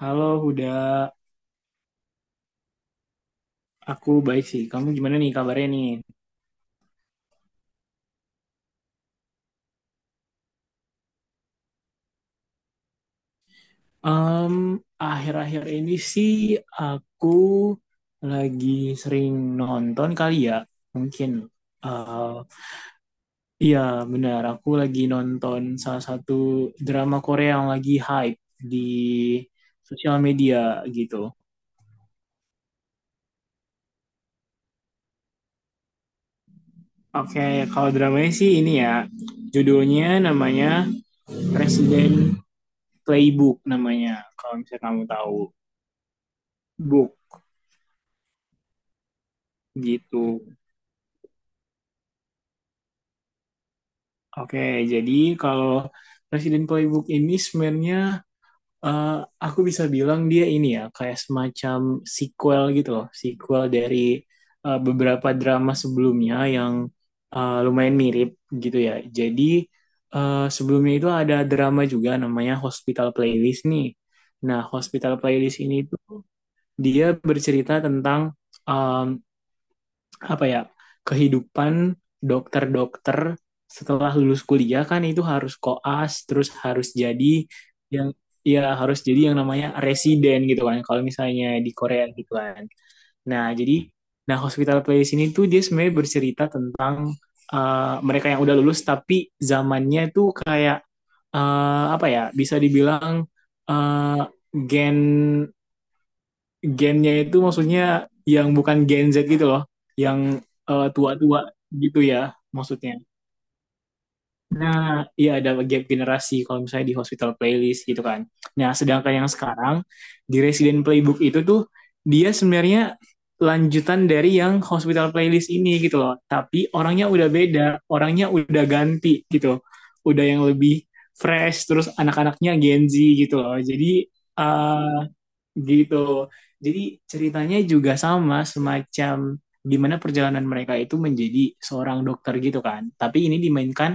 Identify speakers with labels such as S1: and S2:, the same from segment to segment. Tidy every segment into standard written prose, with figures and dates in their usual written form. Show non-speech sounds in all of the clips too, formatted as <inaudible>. S1: Halo, udah aku baik sih. Kamu gimana nih kabarnya nih? Em, Akhir-akhir ini sih aku lagi sering nonton kali ya, mungkin. Eh, iya benar, aku lagi nonton salah satu drama Korea yang lagi hype di sosial media gitu. Oke, kalau dramanya sih ini ya, judulnya namanya Resident Playbook namanya, kalau misalnya kamu tahu. Book gitu. Oke, jadi kalau Presiden Playbook ini sebenarnya eh, aku bisa bilang dia ini ya kayak semacam sequel gitu loh, sequel dari beberapa drama sebelumnya yang lumayan mirip gitu ya. Jadi sebelumnya itu ada drama juga namanya Hospital Playlist nih. Nah, Hospital Playlist ini tuh dia bercerita tentang eh, apa ya, kehidupan dokter-dokter setelah lulus kuliah kan itu harus koas terus harus jadi yang, ya harus jadi yang namanya residen gitu kan kalau misalnya di Korea gitu kan. Nah jadi, nah Hospital Playlist ini tuh dia sebenarnya bercerita tentang mereka yang udah lulus tapi zamannya tuh kayak apa ya, bisa dibilang uh, gen gennya itu maksudnya yang bukan Gen Z gitu loh, yang tua-tua gitu ya maksudnya. Nah, iya ada gap generasi kalau misalnya di Hospital Playlist gitu kan. Nah, sedangkan yang sekarang di Resident Playbook itu tuh dia sebenarnya lanjutan dari yang Hospital Playlist ini gitu loh. Tapi orangnya udah beda, orangnya udah ganti gitu. Udah yang lebih fresh terus anak-anaknya Gen Z gitu loh. Jadi eh gitu. Jadi ceritanya juga sama, semacam gimana perjalanan mereka itu menjadi seorang dokter gitu kan. Tapi ini dimainkan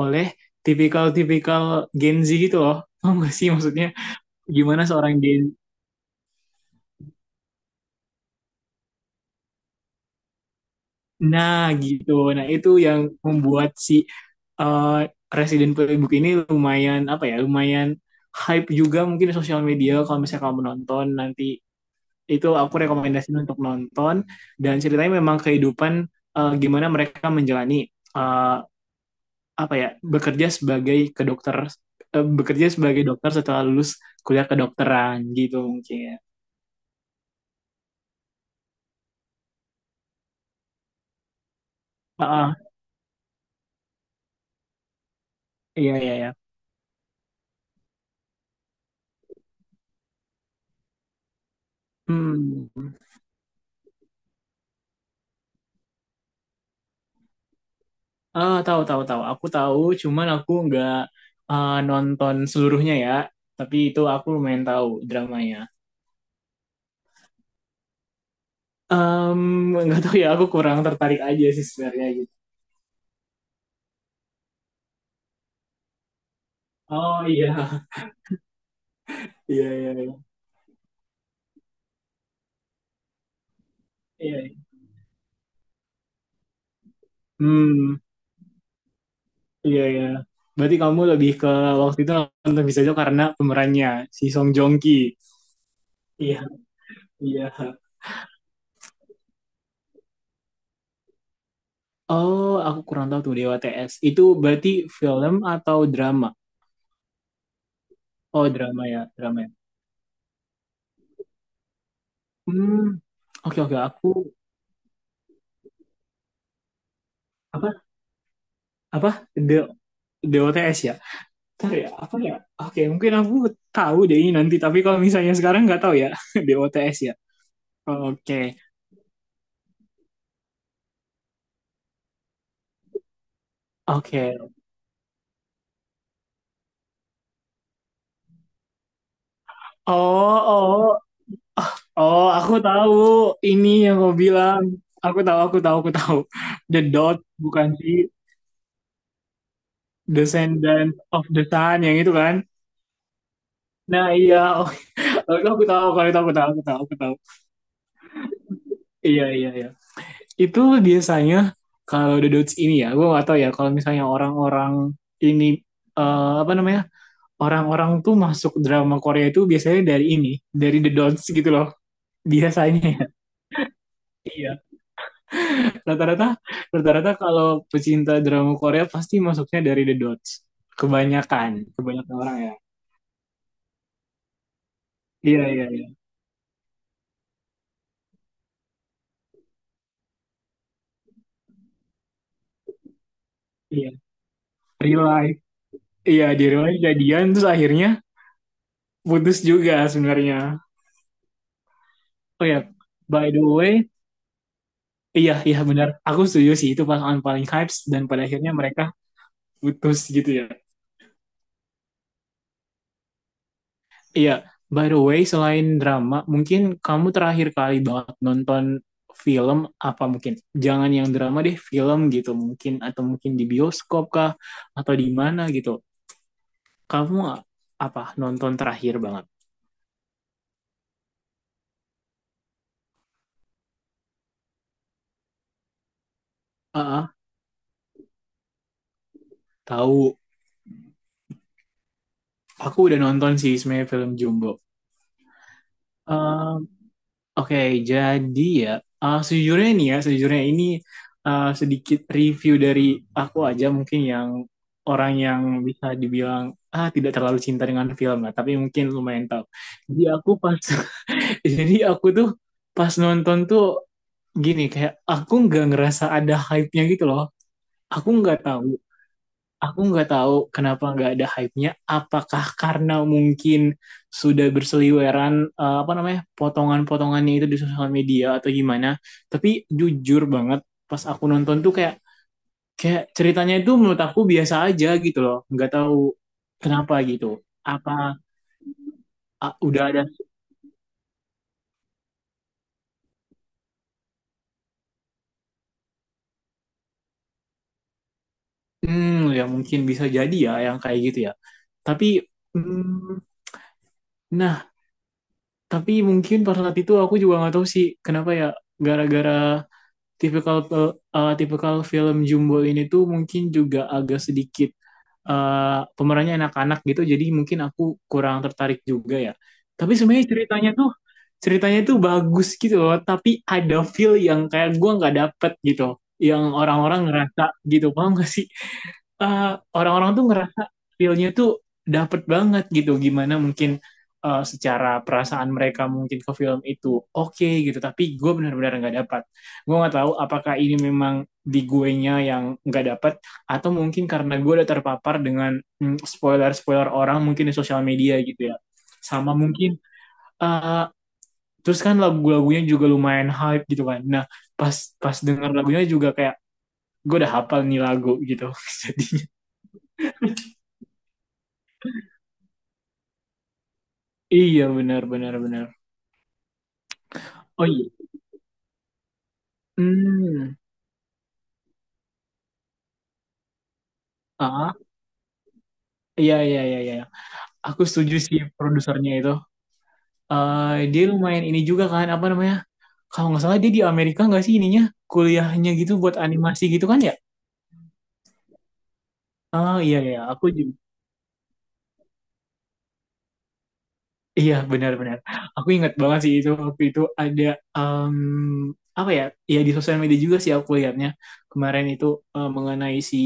S1: oleh tipikal-tipikal Gen Z gitu loh. <laughs> Paham gak sih maksudnya gimana seorang Gen. Nah gitu. Nah itu yang membuat si eh, Resident Playbook ini lumayan apa ya, lumayan hype juga mungkin di sosial media. Kalau misalnya kamu nonton nanti, itu aku rekomendasiin untuk nonton, dan ceritanya memang kehidupan, gimana mereka menjalani eh, apa ya, bekerja sebagai kedokter bekerja sebagai dokter setelah lulus kuliah kedokteran gitu mungkin. Ah, ah, iya iya iya. Hmm. Ah, tahu tahu tahu. Aku tahu, cuman aku nggak nonton seluruhnya ya. Tapi itu aku lumayan tahu dramanya. Em, nggak tahu ya, aku kurang tertarik aja sih sebenarnya gitu. Oh iya, <laughs> iya iya iya. Iya, iya. Hmm, iya ya. Berarti kamu lebih ke waktu itu nonton bisa aja karena pemerannya si Song Joong Ki. Iya, iya. Oh, aku kurang tahu tuh Dewa TS. Itu berarti film atau drama? Oh, drama ya, drama ya. Hmm, oke oke. Aku apa apa De Dewa TS ya? Ntar ya, apa ya? Oke, mungkin aku tahu deh ini nanti. Tapi kalau misalnya sekarang nggak tahu ya, <laughs> Dewa TS ya. Oke, oke. Oh, oh. Oh, aku tahu ini yang kau bilang. Aku tahu, aku tahu, aku tahu. The Dot, bukan sih? Descendant of the Sun, yang itu kan? Nah, iya. Oh, <laughs> itu aku tahu, kalau itu aku tahu, aku tahu, aku tahu. Iya, iya, iya. Itu biasanya kalau The Dots ini ya, gue gak tahu ya, kalau misalnya orang-orang ini, apa namanya, orang-orang tuh masuk drama Korea itu biasanya dari ini, dari The Dots gitu loh, biasanya. rata-rata rata-rata kalau pecinta drama Korea pasti masuknya dari The Dots. Kebanyakan, kebanyakan orang ya. Iya, iya, iya. Iya, real life. Iya, di real life jadian terus akhirnya putus juga sebenarnya. Oh ya, by the way, iya, iya benar. Aku setuju sih itu pasangan paling hype, dan pada akhirnya mereka putus gitu ya. Iya, by the way, selain drama, mungkin kamu terakhir kali banget nonton film apa mungkin? Jangan yang drama deh, film gitu mungkin, atau mungkin di bioskop kah atau di mana gitu. Kamu apa nonton terakhir banget? Ah, ah, tahu. Aku udah nonton sih sebenarnya film Jumbo. Oke, jadi ya, sejujurnya nih ya, sejujurnya ini sedikit review dari aku aja mungkin, yang orang yang bisa dibilang tidak terlalu cinta dengan film lah, tapi mungkin lumayan tahu. Jadi aku pas, <laughs> jadi aku tuh pas nonton tuh, gini kayak aku nggak ngerasa ada hype-nya gitu loh. Aku nggak tahu Aku nggak tahu kenapa nggak ada hype-nya. Apakah karena mungkin sudah berseliweran apa namanya, potongan-potongannya itu di sosial media atau gimana? Tapi jujur banget, pas aku nonton tuh kayak kayak ceritanya itu menurut aku biasa aja gitu loh. Nggak tahu kenapa gitu. Apa, ah, udah ada? Hmm, ya mungkin bisa jadi ya yang kayak gitu ya. Tapi hmm, nah, tapi mungkin pada saat itu aku juga nggak tahu sih kenapa ya, gara-gara tipikal, tipikal film Jumbo ini tuh mungkin juga agak sedikit, pemerannya anak-anak gitu, jadi mungkin aku kurang tertarik juga ya. Tapi sebenarnya ceritanya tuh bagus gitu loh, tapi ada feel yang kayak gua nggak dapet gitu, yang orang-orang ngerasa gitu. Paham gak sih, eh, orang-orang tuh ngerasa feel-nya tuh dapet banget gitu. Gimana mungkin secara perasaan mereka mungkin ke film itu oke gitu. Tapi gue benar-benar nggak dapat. Gue nggak tahu apakah ini memang di guenya yang nggak dapat, atau mungkin karena gue udah terpapar dengan spoiler-spoiler orang mungkin di sosial media gitu ya. Sama mungkin eh, terus kan lagu-lagunya juga lumayan hype gitu kan. Nah pas pas denger lagunya juga kayak gue udah hafal nih lagu gitu. Iya benar benar benar. Oh iya. Hmm. Ah, iya iya iya iya. Aku setuju sih produsernya itu. Dia lumayan ini juga kan, apa namanya? Kalau nggak salah dia di Amerika nggak sih ininya, kuliahnya gitu buat animasi gitu kan ya? Oh iya iya, aku juga. Iya benar-benar. Aku ingat banget sih itu, waktu itu ada em, apa ya? Ya di sosial media juga sih aku lihatnya, kemarin itu mengenai si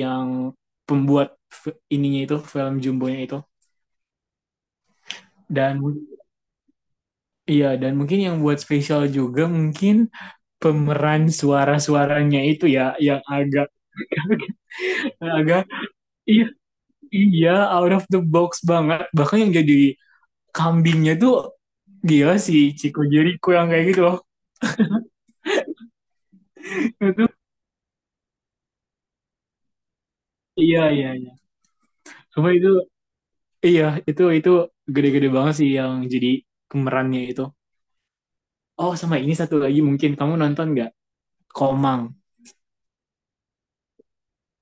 S1: yang pembuat ininya itu, film Jumbonya itu dan mu- Iya, dan mungkin yang buat spesial juga mungkin pemeran suara-suaranya itu ya, yang agak, <laughs> agak, iya iya out of the box banget, bahkan yang jadi kambingnya tuh, gila sih Chico Jericho yang kayak gitu loh. Iya iya iya, cuma itu iya, itu gede-gede banget sih yang jadi pemerannya itu. Oh sama ini satu lagi mungkin kamu nonton nggak, Komang.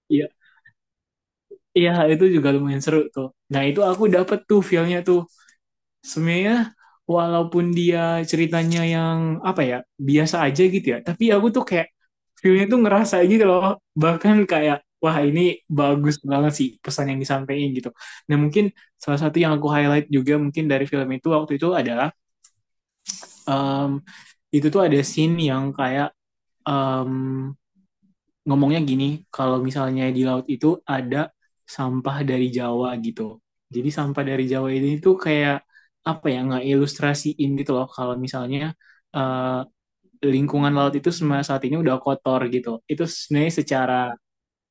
S1: Iya iya itu juga lumayan seru tuh. Nah itu aku dapet tuh feelnya tuh, sebenarnya walaupun dia ceritanya yang apa ya, biasa aja gitu ya, tapi aku tuh kayak filmnya tuh ngerasa gitu loh, bahkan kayak, wah ini bagus banget sih pesan yang disampaikan gitu. Nah mungkin salah satu yang aku highlight juga mungkin dari film itu waktu itu adalah em, itu tuh ada scene yang kayak, em, ngomongnya gini, kalau misalnya di laut itu ada sampah dari Jawa gitu. Jadi sampah dari Jawa ini tuh kayak apa ya, nggak ilustrasiin gitu loh, kalau misalnya eh, lingkungan laut itu semasa saat ini udah kotor gitu. Itu sebenarnya secara,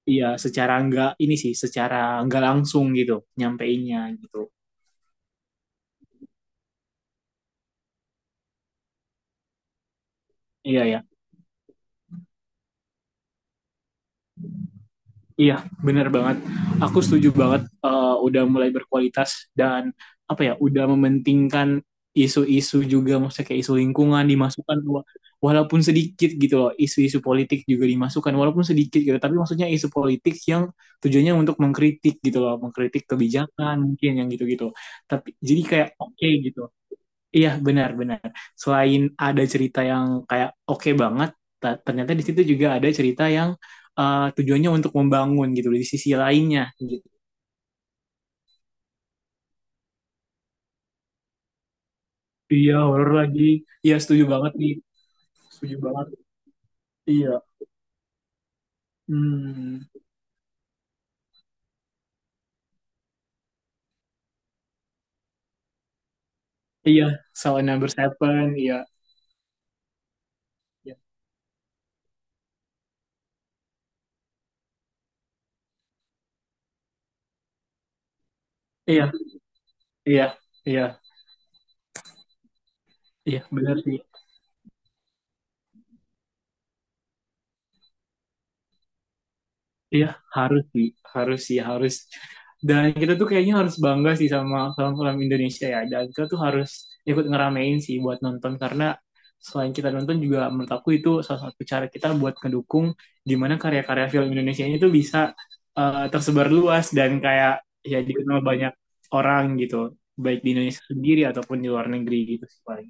S1: iya secara nggak ini sih, secara nggak langsung gitu nyampeinnya gitu. Iya ya. Iya, benar banget. Aku setuju banget, udah mulai berkualitas, dan apa ya, udah mementingkan isu-isu juga, maksudnya kayak isu lingkungan dimasukkan, walaupun sedikit gitu loh. Isu-isu politik juga dimasukkan walaupun sedikit gitu, tapi maksudnya isu politik yang tujuannya untuk mengkritik gitu loh, mengkritik kebijakan mungkin yang gitu-gitu. Tapi jadi kayak oke gitu. Iya benar-benar. Selain ada cerita yang kayak oke banget, ternyata di situ juga ada cerita yang tujuannya untuk membangun gitu di sisi lainnya gitu. Iya horor lagi. Iya setuju banget nih. Setuju banget. Iya. Hmm. Iya. Saw Number 7. Iya. Iya. Iya. Iya. Iya. Iya. Benar sih. Iya, harus sih, harus sih, harus. Dan kita tuh kayaknya harus bangga sih sama film-film Indonesia ya. Dan kita tuh harus ikut ngeramein sih buat nonton, karena selain kita nonton, juga menurut aku itu salah satu cara kita buat ngedukung gimana karya-karya film Indonesia ini tuh bisa tersebar luas dan kayak, ya, dikenal banyak orang gitu, baik di Indonesia sendiri ataupun di luar negeri gitu sih paling.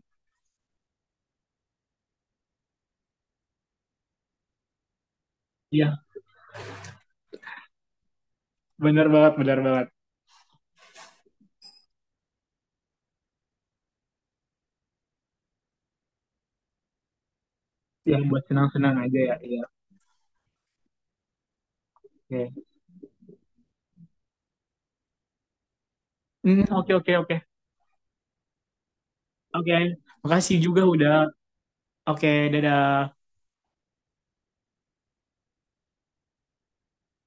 S1: Iya, benar banget, benar banget. Yang buat senang-senang aja ya. Iya. Oke. Hmm, oke, oke, oke. Oke, makasih juga udah. Oke, dadah.